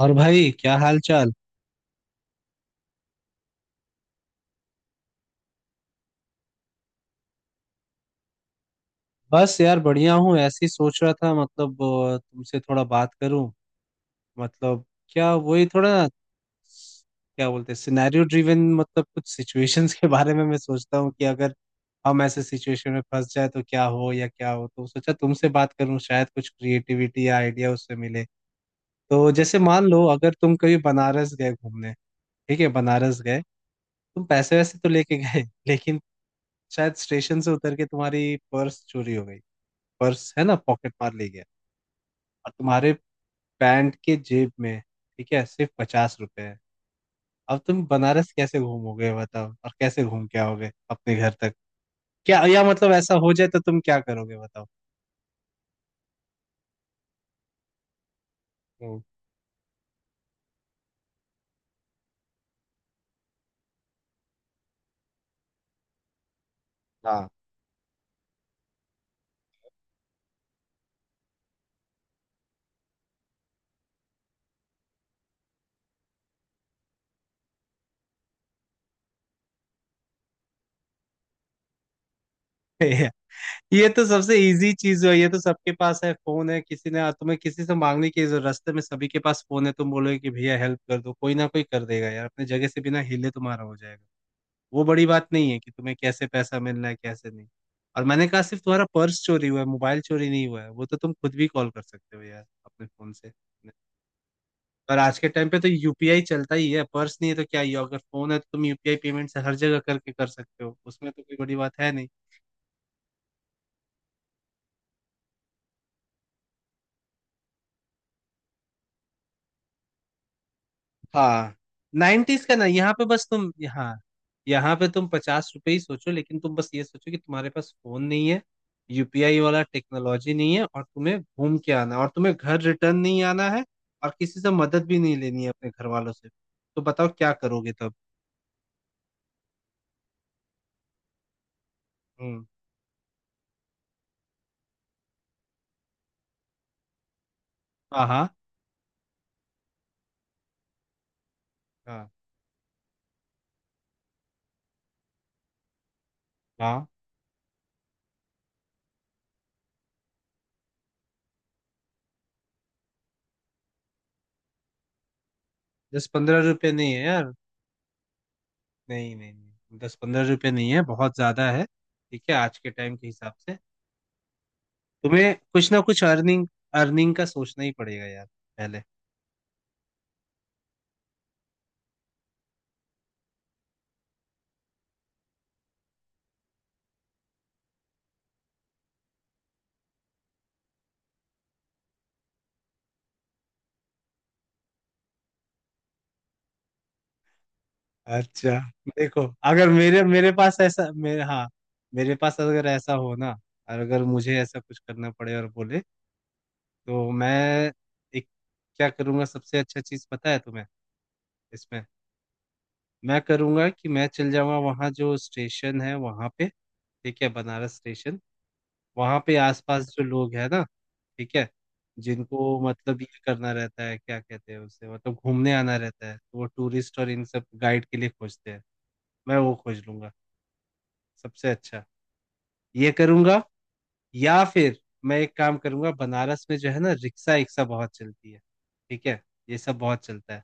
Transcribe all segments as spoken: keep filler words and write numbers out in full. और भाई क्या हाल चाल। बस यार बढ़िया हूँ। ऐसे ही सोच रहा था मतलब अ, तुमसे थोड़ा बात करूं। मतलब क्या वही थोड़ा क्या बोलते हैं सिनेरियो ड्रिवन मतलब कुछ सिचुएशंस के बारे में मैं सोचता हूँ कि अगर हम ऐसे सिचुएशन में फंस जाए तो क्या हो या क्या हो। तो सोचा तुमसे बात करूं शायद कुछ क्रिएटिविटी या आइडिया उससे मिले। तो जैसे मान लो अगर तुम कभी बनारस गए घूमने। ठीक है बनारस गए। तुम पैसे वैसे तो लेके गए लेकिन शायद स्टेशन से उतर के तुम्हारी पर्स चोरी हो गई। पर्स है ना पॉकेट मार ले गया। और तुम्हारे पैंट के जेब में ठीक है सिर्फ पचास रुपए है। अब तुम बनारस कैसे घूमोगे बताओ और कैसे घूम के आओगे अपने घर तक। क्या या मतलब ऐसा हो जाए तो तुम क्या करोगे बताओ। हम्म, हाँ। ये तो सबसे इजी चीज है। ये तो सबके पास है फोन है। किसी ने तुम्हें किसी से मांगने की जरूरत। रास्ते में सभी के पास फोन है। तुम बोलोगे कि भैया हेल्प कर दो कोई ना कोई कर देगा यार। अपने जगह से बिना हिले तुम्हारा हो जाएगा। वो बड़ी बात नहीं है कि तुम्हें कैसे पैसा मिल रहा है कैसे नहीं। और मैंने कहा सिर्फ तुम्हारा पर्स चोरी हुआ है मोबाइल चोरी नहीं हुआ है। वो तो तुम खुद भी कॉल कर सकते हो यार अपने फोन से। और आज के टाइम पे तो यूपीआई चलता ही है। पर्स नहीं है तो क्या ही है? अगर फोन है तो तुम यूपीआई पेमेंट से हर जगह करके कर सकते हो। उसमें तो कोई बड़ी बात है नहीं। हाँ। नाइन्टीज का ना यहाँ पे बस तुम यहाँ यहाँ पे तुम पचास रुपए ही सोचो लेकिन तुम बस ये सोचो कि तुम्हारे पास फोन नहीं है यूपीआई वाला टेक्नोलॉजी नहीं है और तुम्हें घूम के आना है, और तुम्हें घर रिटर्न नहीं आना है। और किसी से मदद भी नहीं लेनी है अपने घर वालों से। तो बताओ क्या करोगे तब। हम्म। हाँ हाँ हाँ हाँ। दस पंद्रह रुपए नहीं है यार। नहीं नहीं नहीं दस पंद्रह रुपए नहीं है बहुत ज्यादा है। ठीक है आज के टाइम के हिसाब से। तुम्हें कुछ ना कुछ अर्निंग अर्निंग का सोचना ही पड़ेगा यार पहले। अच्छा। देखो अगर मेरे मेरे पास ऐसा मेरे हाँ। मेरे पास अगर ऐसा हो ना और अगर मुझे ऐसा कुछ करना पड़े और बोले तो मैं एक क्या करूँगा सबसे अच्छा चीज़ पता है तुम्हें इसमें। मैं करूँगा कि मैं चल जाऊँगा वहाँ जो स्टेशन है वहाँ पे। ठीक है बनारस स्टेशन। वहाँ पे आसपास जो लोग है ना ठीक है जिनको मतलब ये करना रहता है क्या कहते हैं उसे मतलब घूमने आना रहता है तो वो टूरिस्ट और इन सब गाइड के लिए खोजते हैं। मैं वो खोज लूंगा सबसे अच्छा ये करूंगा। या फिर मैं एक काम करूंगा। बनारस में जो है ना रिक्शा रिक्शा बहुत चलती है। ठीक है ये सब बहुत चलता है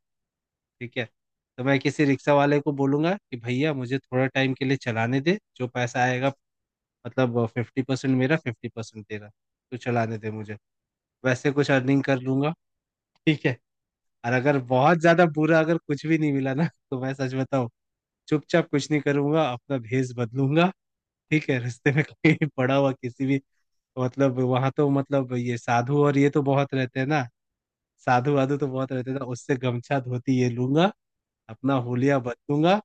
ठीक है। तो मैं किसी रिक्शा वाले को बोलूंगा कि भैया मुझे थोड़ा टाइम के लिए चलाने दे जो पैसा आएगा मतलब फिफ्टी परसेंट मेरा फिफ्टी परसेंट तेरा। तो चलाने दे मुझे। वैसे कुछ अर्निंग कर लूंगा ठीक है। और अगर बहुत ज्यादा बुरा अगर कुछ भी नहीं मिला ना तो मैं सच बताऊं चुपचाप कुछ नहीं करूंगा अपना भेष बदलूंगा। ठीक है। रास्ते में कहीं पड़ा हुआ किसी भी मतलब वहां तो मतलब ये साधु और ये तो बहुत रहते हैं ना। साधु वाधु तो बहुत रहते हैं ना उससे गमछा धोती ये लूंगा अपना हुलिया बदलूंगा।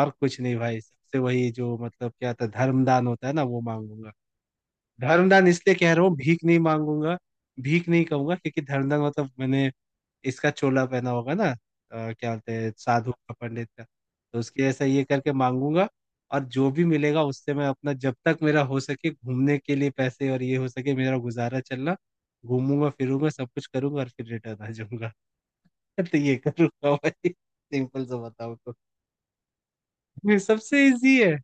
और कुछ नहीं भाई सबसे वही जो मतलब क्या था धर्मदान होता है ना वो मांगूंगा। धर्मदान इसलिए कह रहा हूँ भीख नहीं मांगूंगा भीख नहीं कहूंगा क्योंकि धर्मदान मतलब मैंने इसका चोला पहना होगा ना। अ, क्या बोलते हैं साधु का पंडित का। तो उसके जैसा ये करके मांगूंगा। और जो भी मिलेगा उससे मैं अपना जब तक मेरा हो सके घूमने के लिए पैसे और ये हो सके मेरा गुजारा चलना घूमूंगा फिरूंगा सब कुछ करूंगा और फिर रिटर्न आ जाऊंगा। तो ये करूंगा भाई सिंपल सा। बताओ तो ये सबसे इजी है।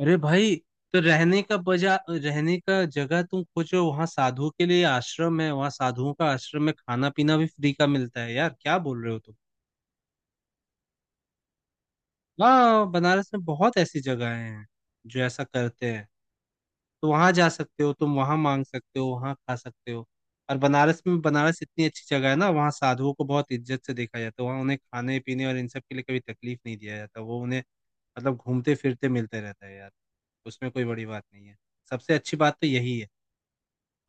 अरे भाई तो रहने का बजा रहने का जगह तुम खोजो। वहां साधुओं के लिए आश्रम है वहां साधुओं का आश्रम में खाना पीना भी फ्री का मिलता है यार। क्या बोल रहे हो तुम। हाँ बनारस में बहुत ऐसी जगहें हैं जो ऐसा करते हैं। तो वहां जा सकते हो तुम वहां मांग सकते हो वहां खा सकते हो। और बनारस में बनारस इतनी अच्छी जगह है ना वहाँ साधुओं को बहुत इज्जत से देखा जाता है। वहाँ उन्हें खाने पीने और इन सब के लिए कभी तकलीफ नहीं दिया जाता। वो उन्हें मतलब घूमते फिरते मिलते रहता है यार। उसमें कोई बड़ी बात नहीं है। सबसे अच्छी बात तो यही है।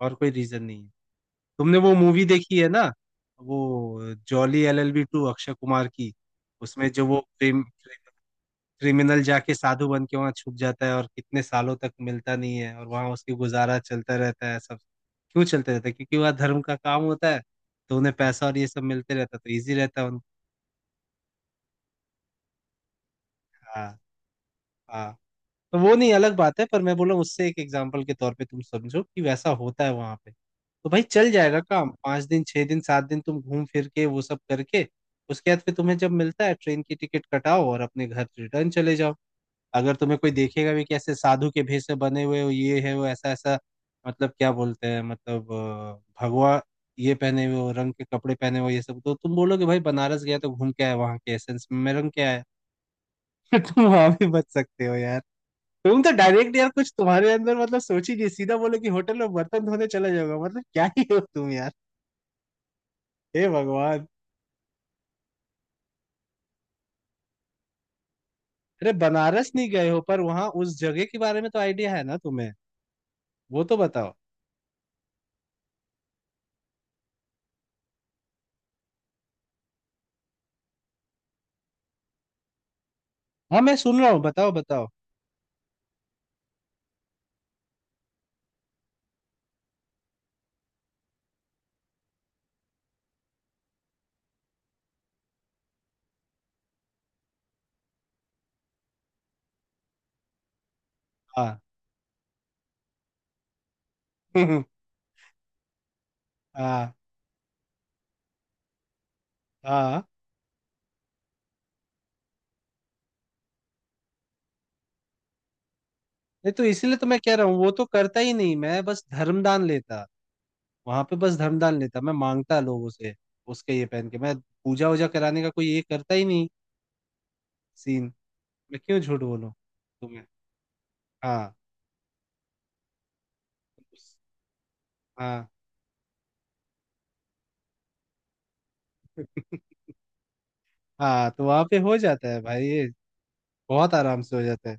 और कोई रीजन नहीं है। तुमने वो मूवी देखी है ना वो Jolly L L B two Akshay Kumar की। उसमें जो वो प्रेम क्रिमिनल जाके साधु बन के वहां छुप जाता है और कितने सालों तक मिलता नहीं है और वहां उसकी गुजारा चलता रहता है सब। क्यों चलते रहता है क्योंकि वह धर्म का काम होता है। तो उन्हें पैसा और ये सब मिलते रहता है तो इजी रहता है उन। हाँ हाँ। तो वो नहीं अलग बात है पर मैं बोला उससे एक एग्जाम्पल के तौर पे तुम समझो कि वैसा होता है वहां पे। तो भाई चल जाएगा काम पाँच दिन छह दिन सात दिन तुम घूम फिर के वो सब करके उसके बाद फिर तुम्हें जब मिलता है ट्रेन की टिकट कटाओ और अपने घर रिटर्न चले जाओ। अगर तुम्हें कोई देखेगा भी कि ऐसे साधु के भेष से बने हुए हो ये है वो ऐसा ऐसा मतलब क्या बोलते हैं मतलब अ, भगवा ये पहने हुए हो रंग के कपड़े पहने हुए हो, ये सब तो तुम बोलोगे भाई बनारस गया तो घूम के आया वहां के एसेंस में रंग क्या है। तुम वहां भी बच सकते हो यार। तुम तो डायरेक्ट यार कुछ तुम्हारे अंदर मतलब सोच ही नहीं सीधा बोलो कि होटल में बर्तन धोने चला जाओगे मतलब क्या ही हो तुम यार। हे भगवान। अरे बनारस नहीं गए हो पर वहां उस जगह के बारे में तो आइडिया है ना तुम्हें। वो तो बताओ। हाँ मैं सुन रहा हूँ बताओ बताओ। हाँ। हाँ हाँ। नहीं तो इसीलिए तो मैं कह रहा हूँ वो तो करता ही नहीं मैं बस धर्मदान लेता। वहां पे बस धर्मदान लेता मैं मांगता लोगों से। उसके ये पहन के मैं पूजा वूजा कराने का कोई ये करता ही नहीं सीन। मैं क्यों झूठ बोलूं तुम्हें। हाँ हाँ। हाँ तो वहां पे हो जाता है भाई ये। बहुत आराम से हो जाता है।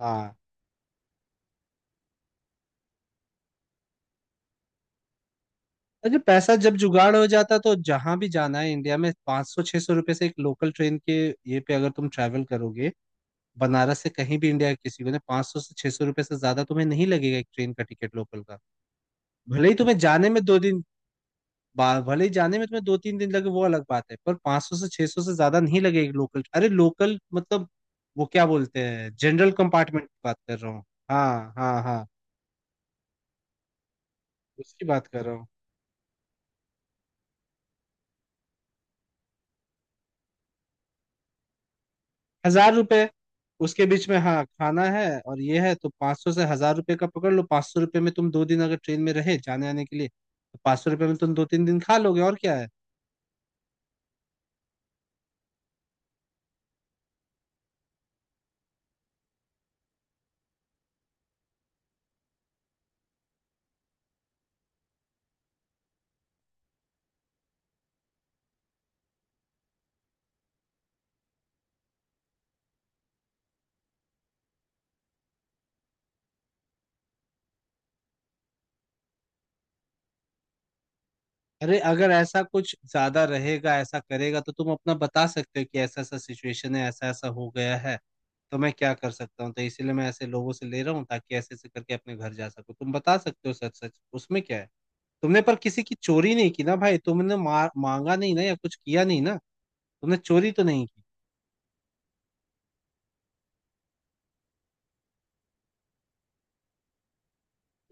हाँ। अरे पैसा जब जुगाड़ हो जाता है, तो जहां भी जाना है इंडिया में पाँच सौ छह सौ रुपए से एक लोकल ट्रेन के ये पे अगर तुम ट्रैवल करोगे बनारस से कहीं भी इंडिया के किसी को ना पाँच सौ से छह सौ रुपये से ज्यादा तुम्हें नहीं लगेगा एक ट्रेन का टिकट लोकल का। भले ही तुम्हें जाने में दो दिन बा- भले ही जाने में तुम्हें दो तीन दिन लगे वो अलग बात है पर पाँच सौ से छह सौ से ज्यादा नहीं लगेगा लोकल। अरे लोकल मतलब वो क्या बोलते हैं जनरल कंपार्टमेंट की बात कर रहा हूँ। हाँ हाँ हाँ उसकी बात कर रहा हूँ। हजार रुपये उसके बीच में हाँ खाना है और ये है तो पाँच सौ से हजार रुपये का पकड़ लो। पाँच सौ रुपये में तुम दो दिन अगर ट्रेन में रहे जाने आने के लिए तो पाँच सौ रुपये में तुम दो तीन दिन खा लोगे और क्या है। अरे अगर ऐसा कुछ ज्यादा रहेगा ऐसा करेगा तो तुम अपना बता सकते हो कि ऐसा ऐसा सिचुएशन है ऐसा ऐसा हो गया है। तो मैं क्या कर सकता हूँ तो इसीलिए मैं ऐसे लोगों से ले रहा हूँ ताकि ऐसे ऐसे करके अपने घर जा सको तुम बता सकते हो सच सच उसमें क्या है। तुमने पर किसी की चोरी नहीं की ना भाई तुमने मार मांगा नहीं ना या कुछ किया नहीं ना। तुमने चोरी तो नहीं की।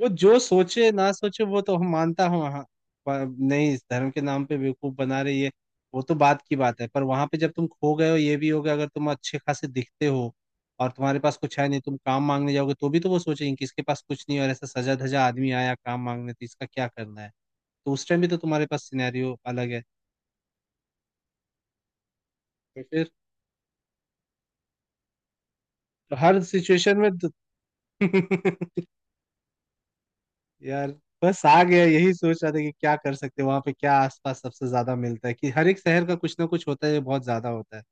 वो जो सोचे ना सोचे वो तो हम मानता हूँ हाँ। पर नहीं इस धर्म के नाम पे बेवकूफ बना रही है। वो तो बात की बात है पर वहां पे जब तुम खो गए हो ये भी हो गया अगर तुम अच्छे खासे दिखते हो और तुम्हारे पास कुछ है नहीं तुम काम मांगने जाओगे तो भी तो वो सोचेंगे कि इसके पास कुछ नहीं है और ऐसा सजा धजा आदमी आया काम मांगने तो इसका क्या करना है। तो उस टाइम भी तो तुम्हारे पास सिनेरियो अलग है। तो फिर। हर सिचुएशन में तो- यार बस आ गया यही सोच रहा था कि क्या कर सकते हैं वहां पे क्या आसपास सबसे ज्यादा मिलता है कि हर एक शहर का कुछ ना कुछ होता है जो बहुत ज्यादा होता है।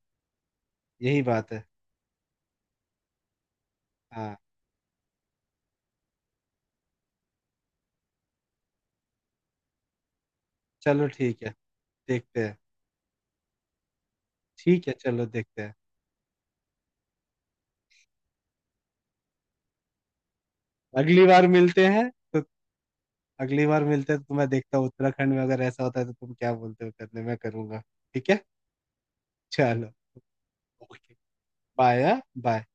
यही बात है। हाँ। चलो ठीक है। देखते हैं। ठीक है चलो देखते हैं। अगली बार मिलते हैं तो अगली बार मिलते हैं तो मैं देखता हूँ उत्तराखंड में अगर ऐसा होता है तो तुम क्या बोलते हो करने मैं करूंगा। ठीक है। चलो। ओके। Bye bye.